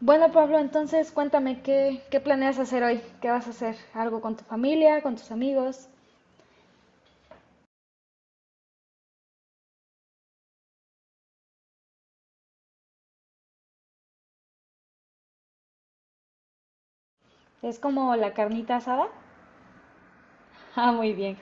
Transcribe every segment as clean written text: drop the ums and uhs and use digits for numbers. Bueno, Pablo, entonces cuéntame qué planeas hacer hoy, qué vas a hacer, algo con tu familia, con tus amigos, es como la carnita asada. Ah, muy bien.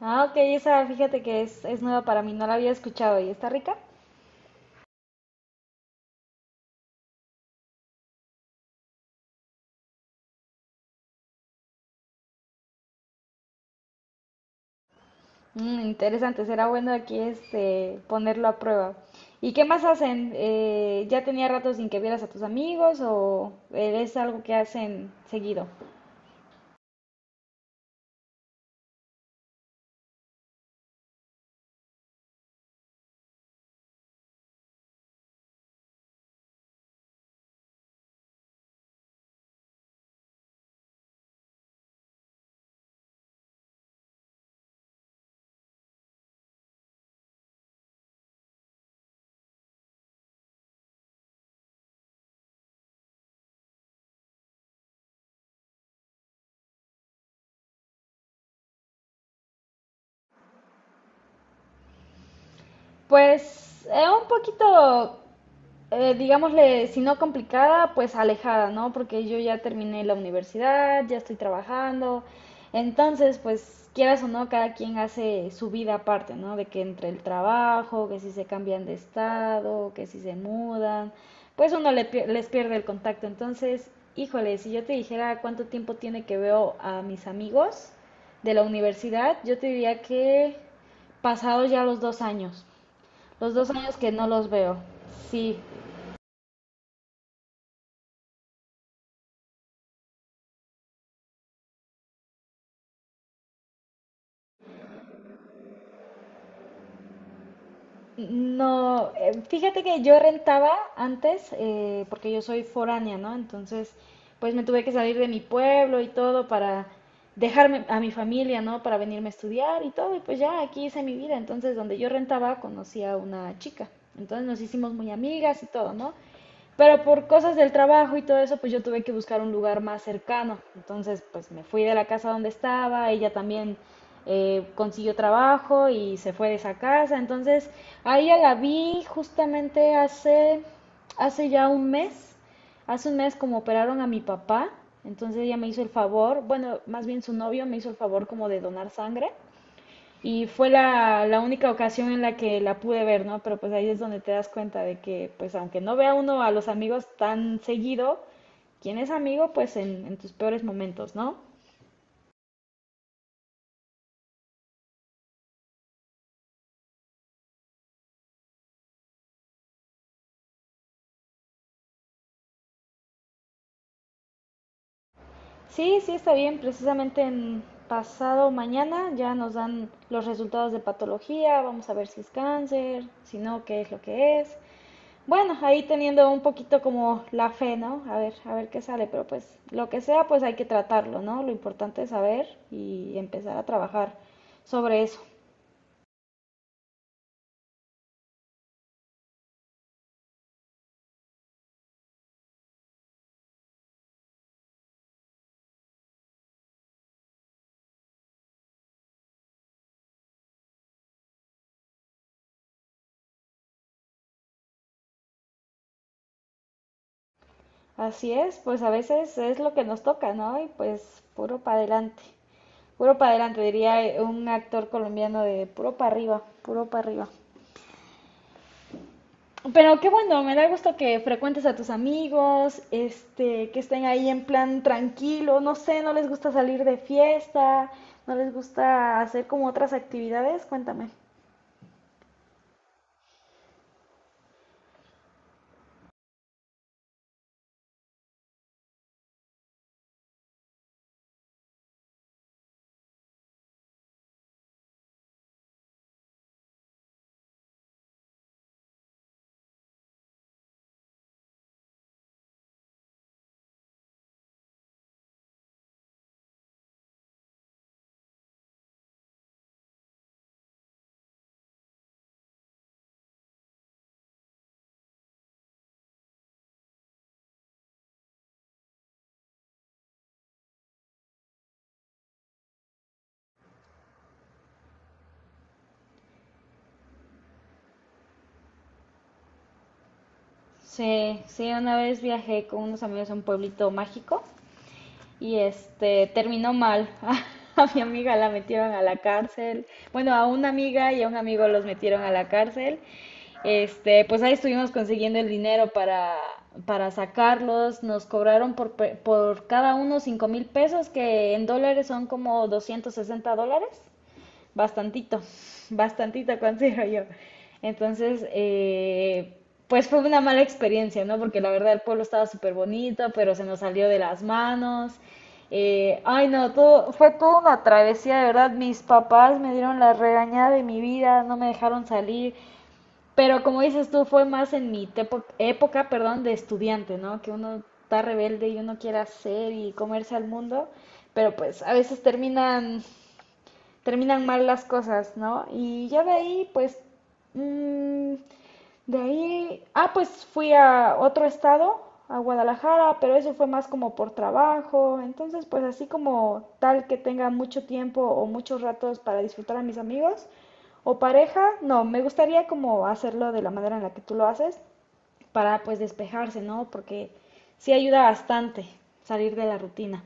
Ah, ok, esa fíjate que es nueva para mí, no la había escuchado y está rica. Mm, interesante, será bueno aquí este ponerlo a prueba. ¿Y qué más hacen? ¿Ya tenía rato sin que vieras a tus amigos o es algo que hacen seguido? Pues un poquito, digámosle, si no complicada, pues alejada, ¿no? Porque yo ya terminé la universidad, ya estoy trabajando, entonces, pues quieras o no, cada quien hace su vida aparte, ¿no? De que entre el trabajo, que si se cambian de estado, que si se mudan, pues uno les pierde el contacto. Entonces, híjole, si yo te dijera cuánto tiempo tiene que veo a mis amigos de la universidad, yo te diría que pasados ya los 2 años. Los dos años que no los veo. Sí. No, fíjate que yo rentaba antes, porque yo soy foránea, ¿no? Entonces, pues me tuve que salir de mi pueblo y todo para dejarme a mi familia, ¿no? Para venirme a estudiar y todo, y pues ya aquí hice mi vida. Entonces, donde yo rentaba, conocí a una chica. Entonces nos hicimos muy amigas y todo, ¿no? Pero por cosas del trabajo y todo eso, pues yo tuve que buscar un lugar más cercano. Entonces, pues me fui de la casa donde estaba, ella también consiguió trabajo y se fue de esa casa. Entonces, a ella la vi justamente hace ya un mes, hace un mes como operaron a mi papá. Entonces ella me hizo el favor, bueno, más bien su novio me hizo el favor como de donar sangre. Y fue la única ocasión en la que la pude ver, ¿no? Pero pues ahí es donde te das cuenta de que, pues aunque no vea uno a los amigos tan seguido, quien es amigo, pues en tus peores momentos, ¿no? Sí, sí está bien, precisamente en pasado mañana ya nos dan los resultados de patología, vamos a ver si es cáncer, si no, qué es lo que es. Bueno, ahí teniendo un poquito como la fe, ¿no? A ver qué sale, pero pues lo que sea, pues hay que tratarlo, ¿no? Lo importante es saber y empezar a trabajar sobre eso. Así es, pues a veces es lo que nos toca, ¿no? Y pues puro para adelante, diría un actor colombiano de puro para arriba, puro para arriba. Pero qué bueno, me da gusto que frecuentes a tus amigos, que estén ahí en plan tranquilo, no sé, no les gusta salir de fiesta, no les gusta hacer como otras actividades, cuéntame. Sí, sí, una vez viajé con unos amigos a un pueblito mágico y este terminó mal. A mi amiga la metieron a la cárcel. Bueno, a una amiga y a un amigo los metieron a la cárcel. Pues ahí estuvimos consiguiendo el dinero para sacarlos. Nos cobraron por cada uno 5,000 pesos, que en dólares son como 260 dólares bastantito, bastantito considero yo. Entonces, pues fue una mala experiencia, ¿no? Porque la verdad el pueblo estaba súper bonito, pero se nos salió de las manos. Ay, no, todo, fue toda una travesía, de verdad. Mis papás me dieron la regañada de mi vida, no me dejaron salir. Pero como dices tú, fue más en mi época, perdón, de estudiante, ¿no? Que uno está rebelde y uno quiere hacer y comerse al mundo, pero pues a veces terminan, mal las cosas, ¿no? Y ya de ahí, pues, mm, de ahí, ah, pues fui a otro estado, a Guadalajara, pero eso fue más como por trabajo, entonces pues así como tal que tenga mucho tiempo o muchos ratos para disfrutar a mis amigos. O pareja, no, me gustaría como hacerlo de la manera en la que tú lo haces para pues despejarse, ¿no? Porque sí ayuda bastante salir de la rutina.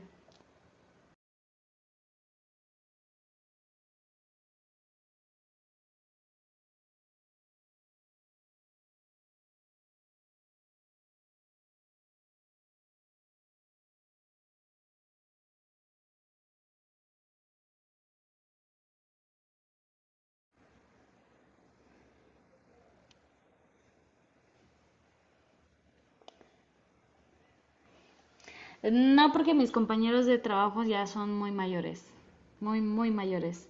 No, porque mis compañeros de trabajo ya son muy mayores, muy, muy mayores.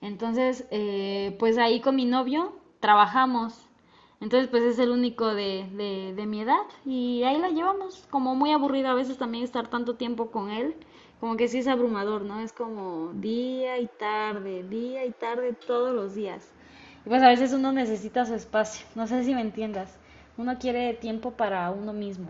Entonces, pues ahí con mi novio trabajamos. Entonces, pues es el único de mi edad y ahí la llevamos. Como muy aburrido a veces también estar tanto tiempo con él, como que sí es abrumador, ¿no? Es como día y tarde todos los días. Y pues a veces uno necesita su espacio, no sé si me entiendas. Uno quiere tiempo para uno mismo.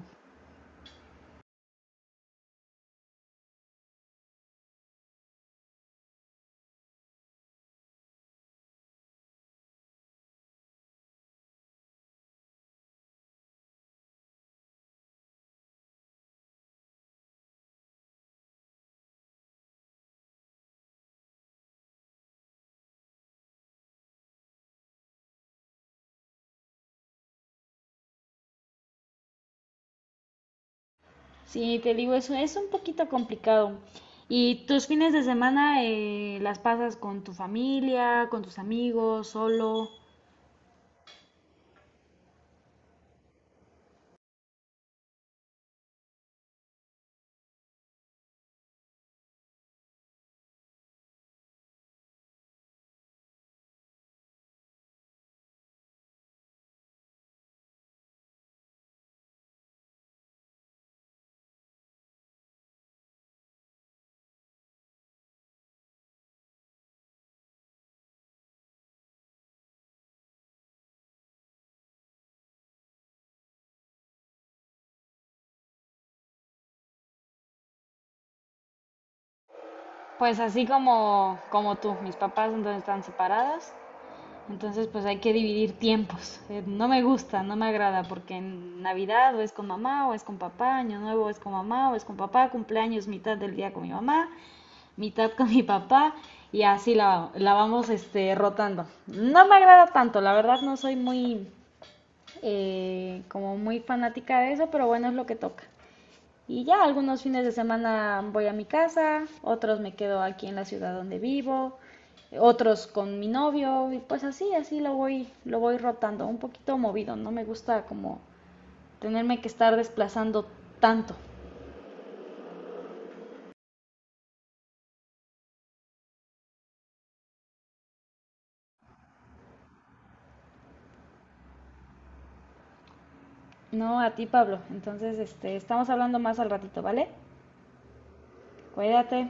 Sí, te digo, eso es un poquito complicado. ¿Y tus fines de semana las pasas con tu familia, con tus amigos, solo? Pues así como, como tú, mis papás entonces están separados, entonces pues hay que dividir tiempos. No me gusta, no me agrada, porque en Navidad o es con mamá o es con papá, Año Nuevo es con mamá o es con papá, cumpleaños mitad del día con mi mamá, mitad con mi papá y así la vamos rotando. No me agrada tanto, la verdad no soy muy como muy fanática de eso, pero bueno, es lo que toca. Y ya algunos fines de semana voy a mi casa, otros me quedo aquí en la ciudad donde vivo, otros con mi novio y pues así lo voy rotando, un poquito movido, no me gusta como tenerme que estar desplazando tanto. No, a ti Pablo. Entonces, estamos hablando más al ratito, ¿vale? Cuídate.